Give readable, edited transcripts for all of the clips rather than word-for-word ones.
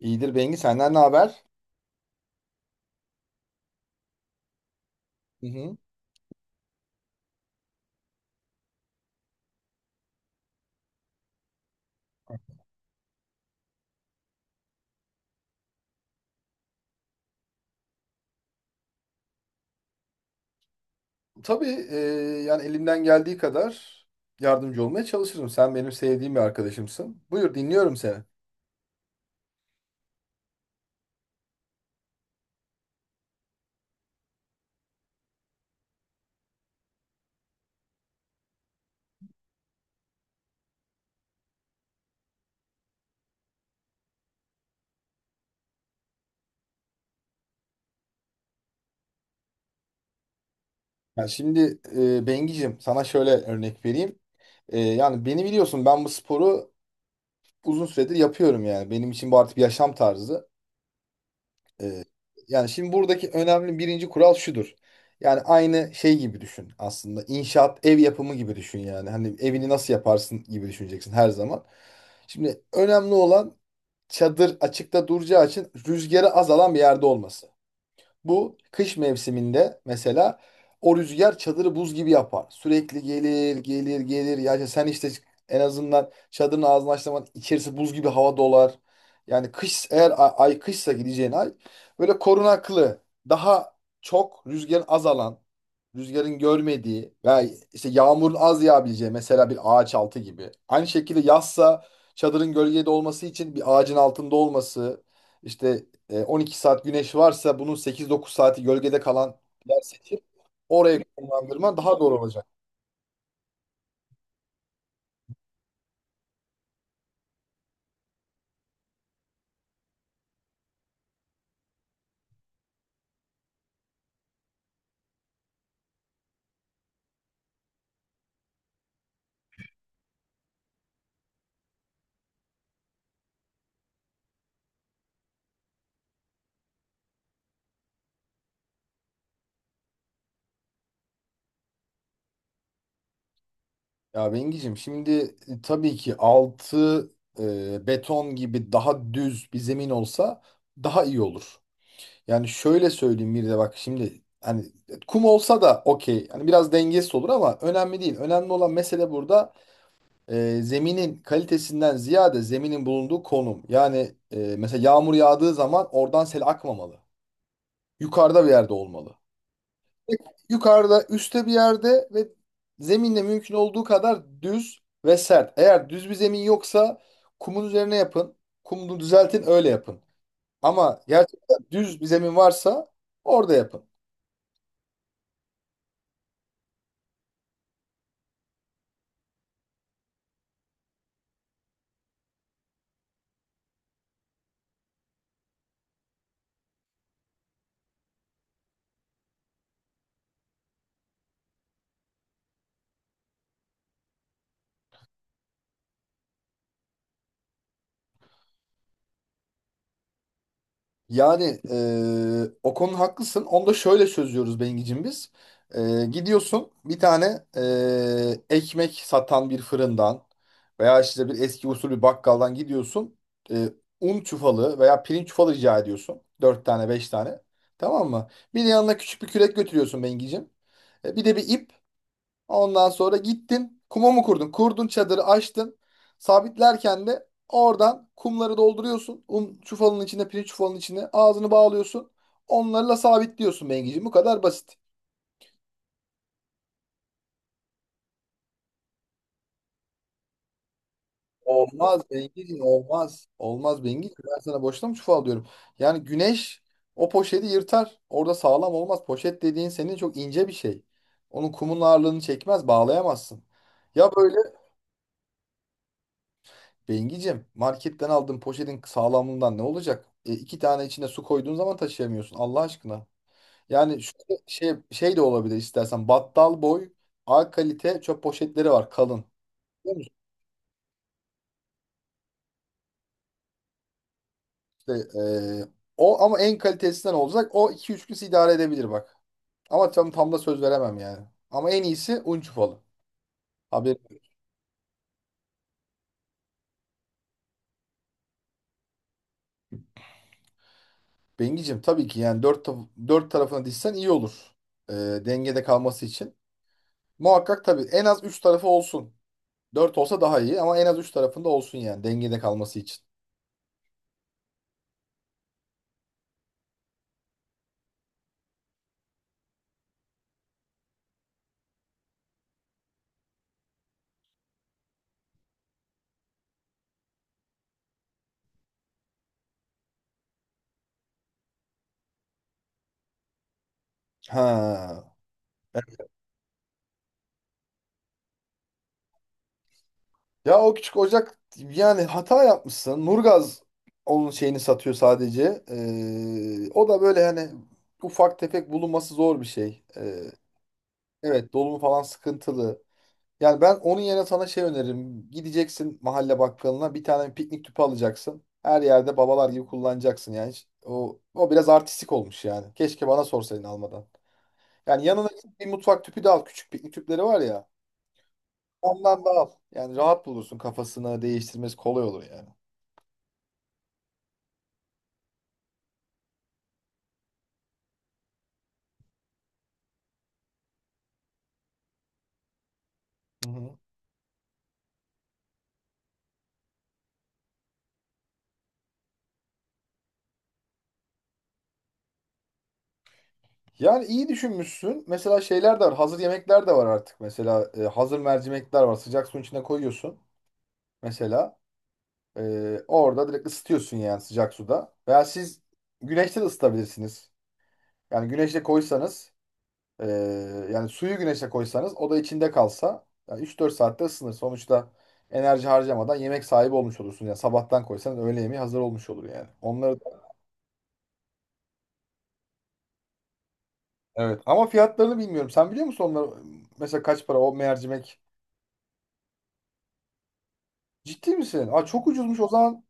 İyidir Bengi senden ne haber? Hı hı. Tabii yani elimden geldiği kadar yardımcı olmaya çalışırım. Sen benim sevdiğim bir arkadaşımsın. Buyur dinliyorum seni. Yani şimdi Bengi'cim sana şöyle örnek vereyim. Yani beni biliyorsun ben bu sporu uzun süredir yapıyorum yani. Benim için bu artık bir yaşam tarzı. E, Yani şimdi buradaki önemli birinci kural şudur. Yani aynı şey gibi düşün aslında. İnşaat, ev yapımı gibi düşün yani. Hani evini nasıl yaparsın gibi düşüneceksin her zaman. Şimdi önemli olan çadır açıkta duracağı için rüzgarı azalan bir yerde olması. Bu kış mevsiminde mesela o rüzgar çadırı buz gibi yapar. Sürekli gelir, gelir, gelir. Yani sen işte en azından çadırın ağzını açtığın zaman içerisi buz gibi hava dolar. Yani kış eğer ay kışsa gideceğin ay böyle korunaklı, daha çok rüzgarın azalan, rüzgarın görmediği veya işte yağmurun az yağabileceği mesela bir ağaç altı gibi. Aynı şekilde yazsa çadırın gölgede olması için bir ağacın altında olması, işte 12 saat güneş varsa bunun 8-9 saati gölgede kalan yer seçip oraya konumlandırman daha doğru olacak. Ya Bengi'cim şimdi tabii ki altı beton gibi daha düz bir zemin olsa daha iyi olur. Yani şöyle söyleyeyim bir de bak şimdi hani kum olsa da okey. Hani biraz dengesiz olur ama önemli değil. Önemli olan mesele burada zeminin kalitesinden ziyade zeminin bulunduğu konum. Yani mesela yağmur yağdığı zaman oradan sel akmamalı. Yukarıda bir yerde olmalı. Yukarıda, üstte bir yerde ve zeminle mümkün olduğu kadar düz ve sert. Eğer düz bir zemin yoksa kumun üzerine yapın. Kumunu düzeltin, öyle yapın. Ama gerçekten düz bir zemin varsa orada yapın. Yani o konuda haklısın. Onu da şöyle çözüyoruz Bengicim biz. Gidiyorsun bir tane ekmek satan bir fırından veya işte bir eski usul bir bakkaldan gidiyorsun. Eee, Un çuvalı veya pirinç çuvalı rica ediyorsun. Dört tane beş tane. Tamam mı? Bir de yanına küçük bir kürek götürüyorsun Bengicim. Bir de bir ip. Ondan sonra gittin kuma mı kurdun? Kurdun çadırı açtın. Sabitlerken de oradan kumları dolduruyorsun. Un çuvalının içine, pirinç çuvalının içine ağzını bağlıyorsun. Onlarla sabitliyorsun Bengiciğim. Bu kadar basit. Olmaz Bengiciğim olmaz. Olmaz Bengiciğim. Ben sana boşuna mı çuval diyorum. Yani güneş o poşeti yırtar. Orada sağlam olmaz. Poşet dediğin senin çok ince bir şey. Onun kumun ağırlığını çekmez, bağlayamazsın. Ya böyle Bengicim, marketten aldığın poşetin sağlamlığından ne olacak? İki tane içine su koyduğun zaman taşıyamıyorsun Allah aşkına. Yani şu şey de olabilir istersen. Battal boy A kalite çöp poşetleri var kalın. Biliyor musun? İşte, e, o ama en kalitesinden olacak. O iki üç gün sizi idare edebilir bak. Ama tam da söz veremem yani. Ama en iyisi un çufalı. Abi Bengicim tabii ki yani dört tarafına dişsen iyi olur. E, Dengede kalması için. Muhakkak tabii en az 3 tarafı olsun. 4 olsa daha iyi ama en az 3 tarafında olsun yani dengede kalması için. Ha. Ya o küçük ocak yani hata yapmışsın. Nurgaz onun şeyini satıyor sadece. O da böyle hani ufak tefek bulunması zor bir şey. Evet dolumu falan sıkıntılı. Yani ben onun yerine sana şey öneririm. Gideceksin mahalle bakkalına bir tane piknik tüpü alacaksın. Her yerde babalar gibi kullanacaksın yani. O biraz artistik olmuş yani. Keşke bana sorsaydın almadan. Yani yanına git bir mutfak tüpü de al. Küçük piknik tüpleri var ya. Ondan da al. Yani rahat bulursun kafasını değiştirmesi kolay olur yani. Hı hı. Yani iyi düşünmüşsün. Mesela şeyler de var. Hazır yemekler de var artık. Mesela hazır mercimekler var. Sıcak suyun içine koyuyorsun. Mesela e, orada direkt ısıtıyorsun yani sıcak suda. Veya siz güneşte de ısıtabilirsiniz. Yani güneşte koysanız Ee, yani suyu güneşe koysanız o da içinde kalsa yani 3-4 saatte ısınır. Sonuçta enerji harcamadan yemek sahibi olmuş olursun. Yani sabahtan koysanız öğle yemeği hazır olmuş olur yani. Onları evet ama fiyatlarını bilmiyorum. Sen biliyor musun onları mesela kaç para o mercimek? Ciddi misin? Aa, çok ucuzmuş o zaman.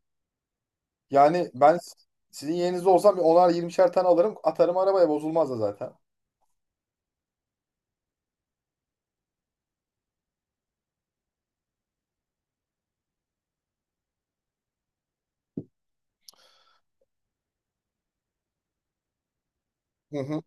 Yani ben s- Sizin yerinizde olsam bir onar yirmişer tane alırım atarım arabaya bozulmaz da zaten. Hı hı.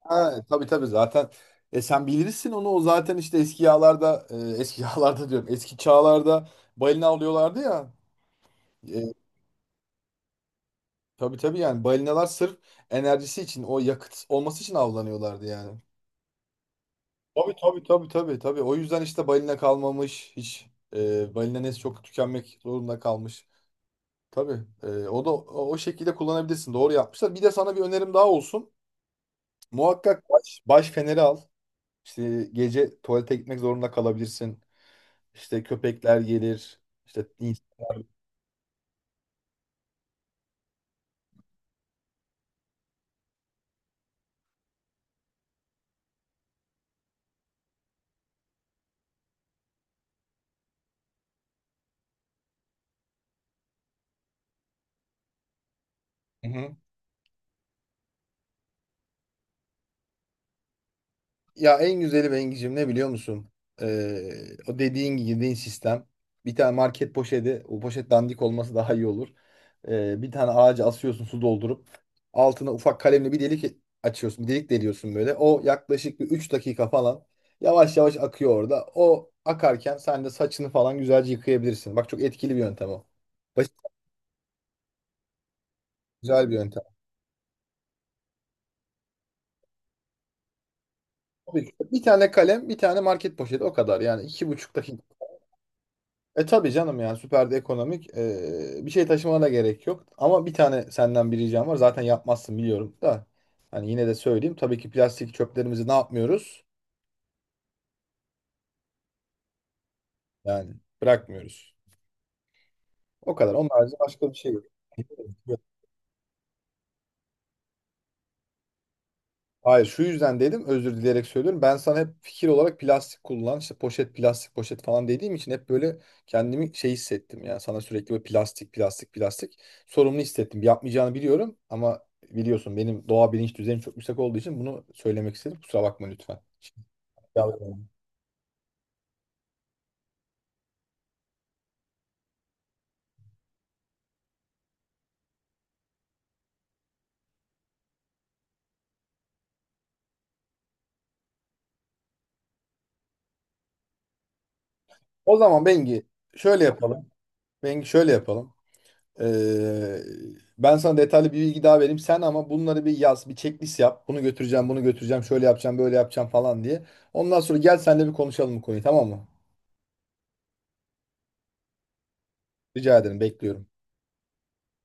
Ha, tabii tabii zaten sen bilirsin onu o zaten işte eski yağlarda eski yağlarda diyorum eski çağlarda balina avlıyorlardı ya e, tabii tabii yani balinalar sırf enerjisi için o yakıt olması için avlanıyorlardı yani. Tabii tabii tabii tabii tabii o yüzden işte balina kalmamış hiç balina nesli çok tükenmek zorunda kalmış. Tabii o da o şekilde kullanabilirsin doğru yapmışlar. Bir de sana bir önerim daha olsun muhakkak baş feneri al. İşte gece tuvalete gitmek zorunda kalabilirsin. İşte köpekler gelir. İşte Hı hı. Ya en güzeli Bengi'cim ne biliyor musun? Ee, O dediğin girdiğin sistem. Bir tane market poşeti. O poşet dandik olması daha iyi olur. Bir tane ağaca asıyorsun su doldurup. Altına ufak kalemle bir delik açıyorsun. Bir delik deliyorsun böyle. O yaklaşık bir 3 dakika falan. Yavaş yavaş akıyor orada. O akarken sen de saçını falan güzelce yıkayabilirsin. Bak çok etkili bir yöntem o. Basit, güzel bir yöntem. Tabii ki. Bir tane kalem, bir tane market poşeti o kadar. Yani iki buçuk E tabii canım yani süperde ekonomik bir şey taşımana da gerek yok. Ama bir tane senden bir ricam var. Zaten yapmazsın biliyorum da. Hani yine de söyleyeyim. Tabii ki plastik çöplerimizi ne yapmıyoruz? Yani bırakmıyoruz. O kadar. Onun harici başka bir şey yok. Hayır şu yüzden dedim özür dileyerek söylüyorum. Ben sana hep fikir olarak plastik kullan işte poşet plastik poşet falan dediğim için hep böyle kendimi şey hissettim ya sana sürekli böyle plastik plastik plastik sorumlu hissettim. Yapmayacağını biliyorum ama biliyorsun benim doğa bilinç düzeyim çok yüksek olduğu için bunu söylemek istedim. Kusura bakma lütfen. Yalvarırım. O zaman Bengi şöyle yapalım. Bengi şöyle yapalım. Ee, Ben sana detaylı bir bilgi daha vereyim. Sen ama bunları bir yaz, bir checklist yap. Bunu götüreceğim, bunu götüreceğim, şöyle yapacağım, böyle yapacağım falan diye. Ondan sonra gel seninle bir konuşalım bu konuyu, tamam mı? Rica ederim, bekliyorum.